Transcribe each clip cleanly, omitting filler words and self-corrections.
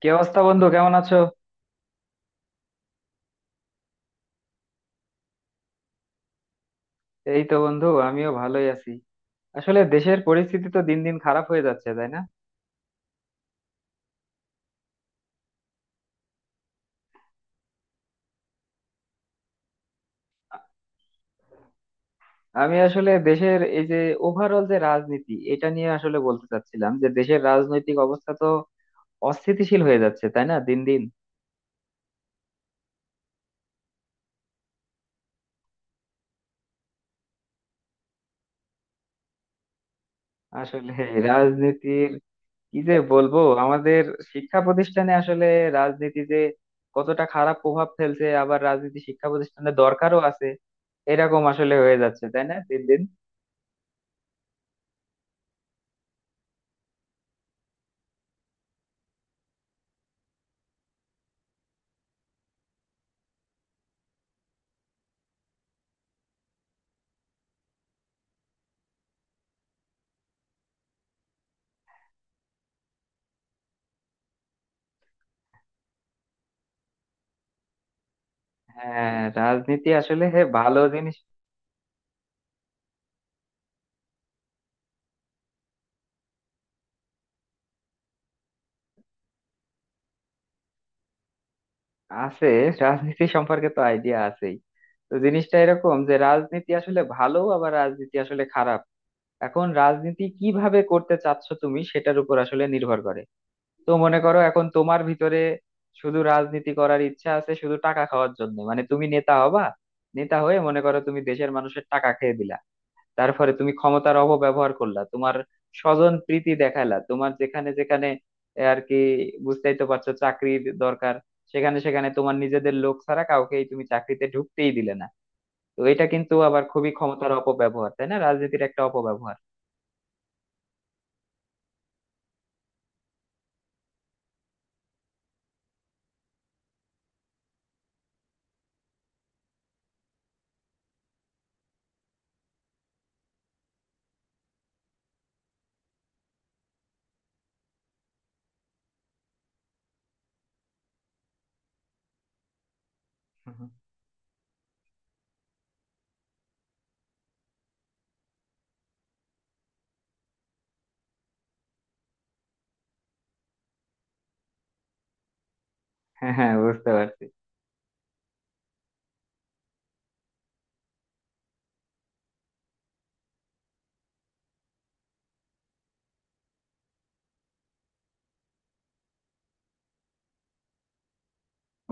কি অবস্থা বন্ধু, কেমন আছো? এই তো বন্ধু, আমিও ভালোই আছি। আসলে দেশের পরিস্থিতি তো দিন দিন খারাপ হয়ে যাচ্ছে, তাই না? আমি আসলে দেশের এই যে ওভারঅল যে রাজনীতি, এটা নিয়ে আসলে বলতে চাচ্ছিলাম যে দেশের রাজনৈতিক অবস্থা তো অস্থিতিশীল হয়ে যাচ্ছে, তাই না, দিন দিন। আসলে রাজনীতির কি যে বলবো, আমাদের শিক্ষা প্রতিষ্ঠানে আসলে রাজনীতি যে কতটা খারাপ প্রভাব ফেলছে, আবার রাজনীতি শিক্ষা প্রতিষ্ঠানে দরকারও আছে। এরকম আসলে হয়ে যাচ্ছে, তাই না, দিন দিন। হ্যাঁ, রাজনীতি আসলে হে ভালো জিনিস। আছে, রাজনীতি সম্পর্কে তো আইডিয়া আছেই। তো জিনিসটা এরকম যে রাজনীতি আসলে ভালো, আবার রাজনীতি আসলে খারাপ। এখন রাজনীতি কিভাবে করতে চাচ্ছ তুমি, সেটার উপর আসলে নির্ভর করে। তো মনে করো, এখন তোমার ভিতরে শুধু রাজনীতি করার ইচ্ছা আছে শুধু টাকা খাওয়ার জন্য, মানে তুমি নেতা হবা। নেতা হয়ে মনে করো তুমি দেশের মানুষের টাকা খেয়ে দিলা, তারপরে তুমি ক্ষমতার অপব্যবহার করলা, তোমার স্বজন প্রীতি দেখাইলা তোমার যেখানে যেখানে, এ আর কি, বুঝতেই তো পারছো, চাকরির দরকার, সেখানে সেখানে তোমার নিজেদের লোক ছাড়া কাউকেই তুমি চাকরিতে ঢুকতেই দিলে না। তো এটা কিন্তু আবার খুবই ক্ষমতার অপব্যবহার, তাই না, রাজনীতির একটা অপব্যবহার। হুম, হুম। হ্যাঁ হ্যাঁ, বুঝতে পারছি।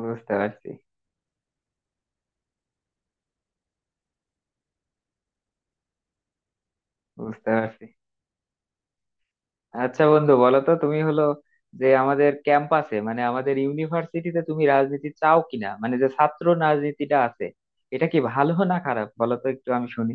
বুঝতে পারছি। বুঝতে পারছি। আচ্ছা বন্ধু, বলো তো তুমি হলো যে আমাদের ক্যাম্পাসে, মানে আমাদের ইউনিভার্সিটিতে তুমি রাজনীতি চাও কিনা, মানে যে ছাত্র রাজনীতিটা আছে এটা কি ভালো না খারাপ, বলো তো একটু আমি শুনি।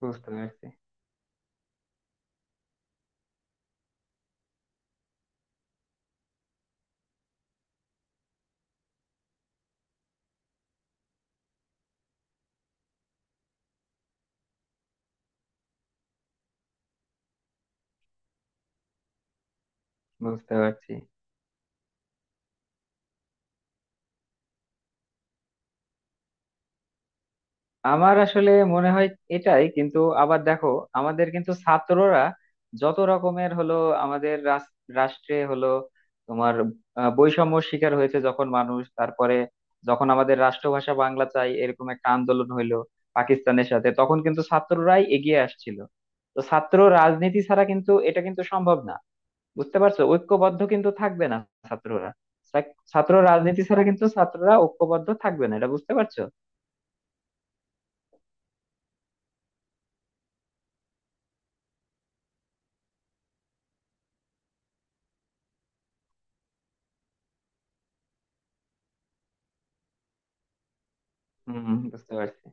বুঝতে পারছি। বুঝতে পারছি। আমার আসলে মনে হয় এটাই। কিন্তু আবার দেখো, আমাদের কিন্তু ছাত্ররা যত রকমের হলো আমাদের রাষ্ট্রে হলো তোমার বৈষম্য শিকার হয়েছে যখন মানুষ, তারপরে যখন আমাদের রাষ্ট্রভাষা বাংলা চাই এরকম একটা আন্দোলন হইলো পাকিস্তানের সাথে, তখন কিন্তু ছাত্ররাই এগিয়ে আসছিল। তো ছাত্র রাজনীতি ছাড়া কিন্তু এটা কিন্তু সম্ভব না, বুঝতে পারছো, ঐক্যবদ্ধ কিন্তু থাকবে না ছাত্ররা। ছাত্র রাজনীতি ছাড়া কিন্তু ছাত্ররা ঐক্যবদ্ধ থাকবে না, এটা বুঝতে পারছো। হম, বুঝতে পারছি।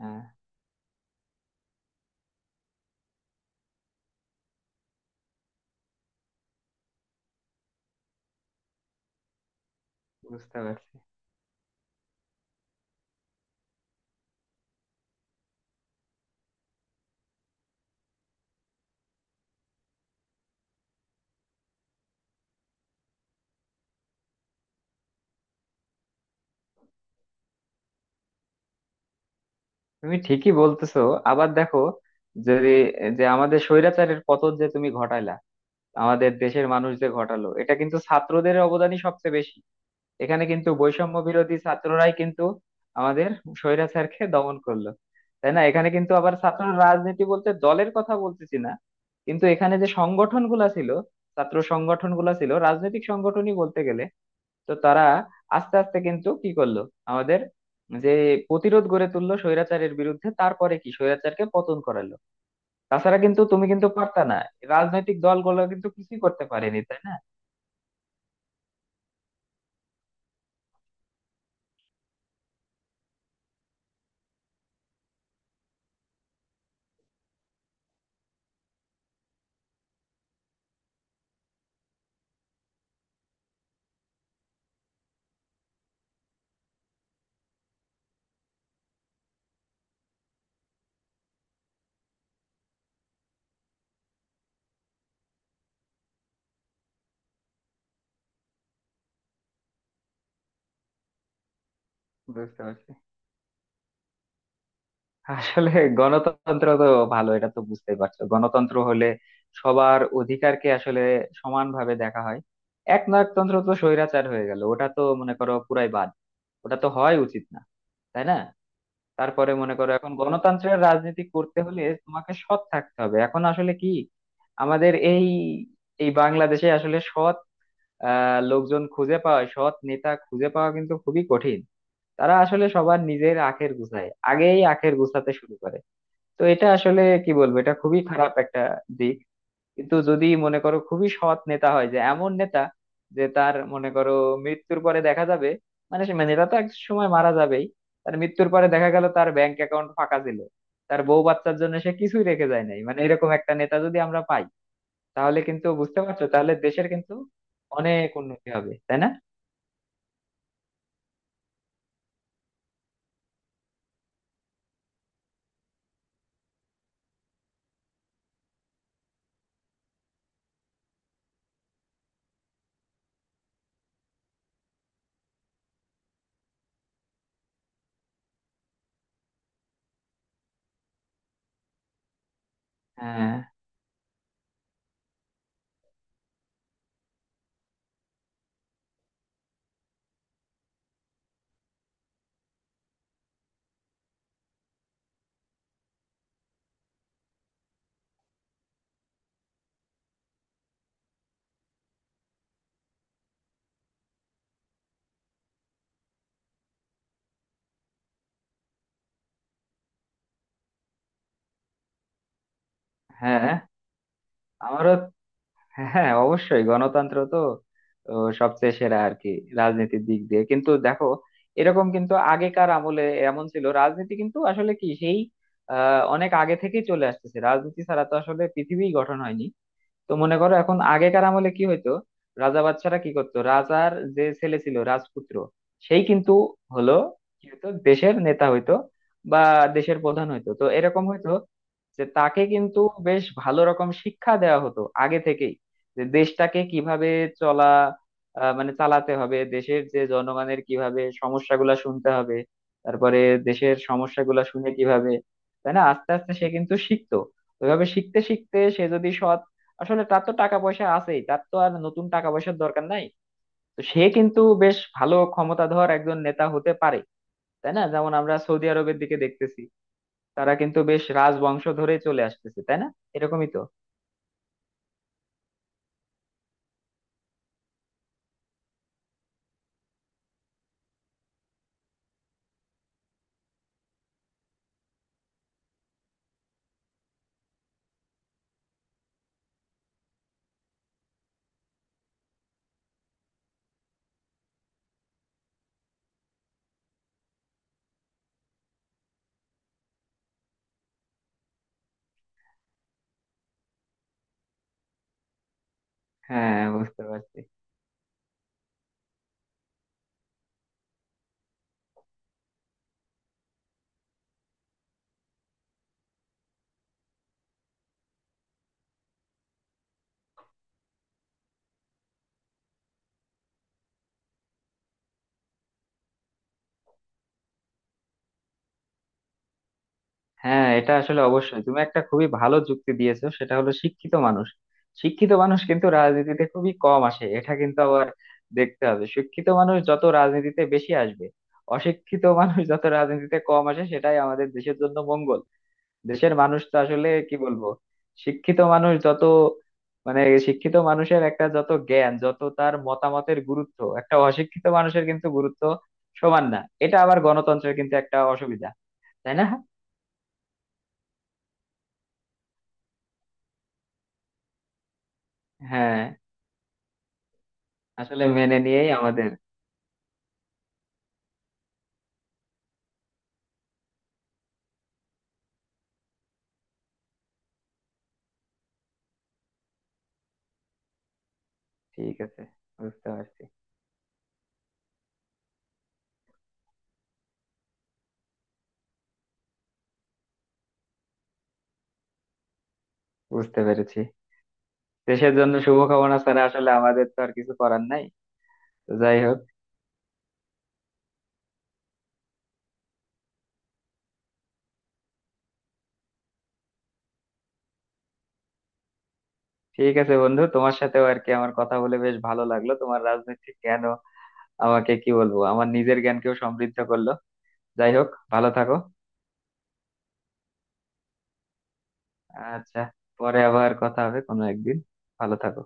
হ্যাঁ, বুঝতে পারছি। তুমি ঠিকই বলতেছো। আবার দেখো, যদি যে আমাদের স্বৈরাচারের পতন যে তুমি ঘটাইলা, আমাদের দেশের মানুষ যে ঘটালো, এটা কিন্তু ছাত্রদের অবদানই সবচেয়ে বেশি। এখানে কিন্তু বৈষম্য বিরোধী ছাত্ররাই কিন্তু আমাদের স্বৈরাচারকে দমন করলো, তাই না। এখানে কিন্তু আবার ছাত্র রাজনীতি বলতে দলের কথা বলতেছি না, কিন্তু এখানে যে সংগঠন গুলা ছিল, ছাত্র সংগঠন গুলা ছিল রাজনৈতিক সংগঠনই বলতে গেলে। তো তারা আস্তে আস্তে কিন্তু কি করলো, আমাদের যে প্রতিরোধ গড়ে তুললো স্বৈরাচারের বিরুদ্ধে, তারপরে কি স্বৈরাচারকে পতন করালো। তাছাড়া কিন্তু তুমি কিন্তু পারতা না, রাজনৈতিক দলগুলো কিন্তু কিছুই করতে পারেনি, তাই না। বুঝতে পারছি। আসলে গণতন্ত্র তো ভালো, এটা তো বুঝতেই পারছো। গণতন্ত্র হলে সবার অধিকারকে আসলে সমানভাবে দেখা হয়। একনায়কতন্ত্র তো স্বৈরাচার হয়ে গেল, ওটা তো মনে করো পুরাই বাদ, ওটা তো হয় উচিত না, তাই না। তারপরে মনে করো, এখন গণতন্ত্রের রাজনীতি করতে হলে তোমাকে সৎ থাকতে হবে। এখন আসলে কি, আমাদের এই এই বাংলাদেশে আসলে সৎ লোকজন খুঁজে পাওয়া, সৎ নেতা খুঁজে পাওয়া কিন্তু খুবই কঠিন। তারা আসলে সবার নিজের আখের গুছায়, আগেই আখের গুছাতে শুরু করে। তো এটা আসলে কি বলবো, এটা খুবই খারাপ একটা দিক। কিন্তু যদি মনে করো খুবই সৎ নেতা হয়, যে এমন নেতা যে তার মনে করো মৃত্যুর পরে দেখা যাবে, মানে মানে নেতা তো এক সময় মারা যাবেই, তার মৃত্যুর পরে দেখা গেল তার ব্যাংক অ্যাকাউন্ট ফাঁকা ছিল, তার বউ বাচ্চার জন্য সে কিছুই রেখে যায় নাই, মানে এরকম একটা নেতা যদি আমরা পাই, তাহলে কিন্তু বুঝতে পারছো, তাহলে দেশের কিন্তু অনেক উন্নতি হবে, তাই না। হ্যাঁ হ্যাঁ, আমারও। হ্যাঁ, অবশ্যই গণতন্ত্র তো ও, সবচেয়ে সেরা আর কি। রাজনীতির দিক দিয়ে কিন্তু দেখো, এরকম কিন্তু আগেকার আমলে এমন ছিল, রাজনীতি কিন্তু আসলে কি সেই অনেক আগে থেকেই চলে আসতেছে, রাজনীতি ছাড়া তো আসলে পৃথিবী গঠন হয়নি। তো মনে করো, এখন আগেকার আমলে কি হইতো, রাজা বাচ্চারা কি করতো, রাজার যে ছেলে ছিল রাজপুত্র, সেই কিন্তু হলো কি হইতো, দেশের নেতা হইতো বা দেশের প্রধান হইতো। তো এরকম হইতো যে তাকে কিন্তু বেশ ভালো রকম শিক্ষা দেওয়া হতো আগে থেকেই, যে দেশটাকে কিভাবে চলা মানে চালাতে হবে, দেশের যে জনগণের কিভাবে সমস্যাগুলা শুনতে হবে, তারপরে দেশের সমস্যাগুলা শুনে কিভাবে, তাই না, আস্তে আস্তে সে কিন্তু শিখতো। ওইভাবে শিখতে শিখতে সে যদি সৎ, আসলে তার তো টাকা পয়সা আছেই, তার তো আর নতুন টাকা পয়সার দরকার নাই, তো সে কিন্তু বেশ ভালো ক্ষমতাধর একজন নেতা হতে পারে, তাই না। যেমন আমরা সৌদি আরবের দিকে দেখতেছি, তারা কিন্তু বেশ রাজবংশ ধরে চলে আসতেছে, তাই না, এরকমই তো। হ্যাঁ, বুঝতে পারছি। হ্যাঁ, এটা আসলে অবশ্যই তুমি একটা খুবই ভালো যুক্তি দিয়েছো, সেটা হলো শিক্ষিত মানুষ। শিক্ষিত মানুষ কিন্তু রাজনীতিতে খুবই কম আসে, এটা কিন্তু আবার দেখতে হবে। শিক্ষিত মানুষ যত রাজনীতিতে বেশি আসবে, অশিক্ষিত মানুষ যত রাজনীতিতে কম আসে, সেটাই আমাদের দেশের জন্য মঙ্গল। দেশের মানুষ তো আসলে কি বলবো, শিক্ষিত মানুষ যত, মানে শিক্ষিত মানুষের একটা যত জ্ঞান, যত তার মতামতের গুরুত্ব, একটা অশিক্ষিত মানুষের কিন্তু গুরুত্ব সমান না, এটা আবার গণতন্ত্রের কিন্তু একটা অসুবিধা, তাই না। হ্যাঁ। আসলে মেনে নিয়েই আমাদের। ঠিক আছে, বুঝতে পারছি। বুঝতে পেরেছি। দেশের জন্য শুভকামনা ছাড়া আসলে আমাদের তো আর কিছু করার নাই। তো যাই হোক, ঠিক আছে বন্ধু, তোমার সাথেও আর কি আমার কথা বলে বেশ ভালো লাগলো। তোমার রাজনৈতিক জ্ঞান আমাকে, কি বলবো, আমার নিজের জ্ঞানকেও সমৃদ্ধ করলো। যাই হোক, ভালো থাকো। আচ্ছা, পরে আবার কথা হবে কোনো একদিন। ভালো থাকো।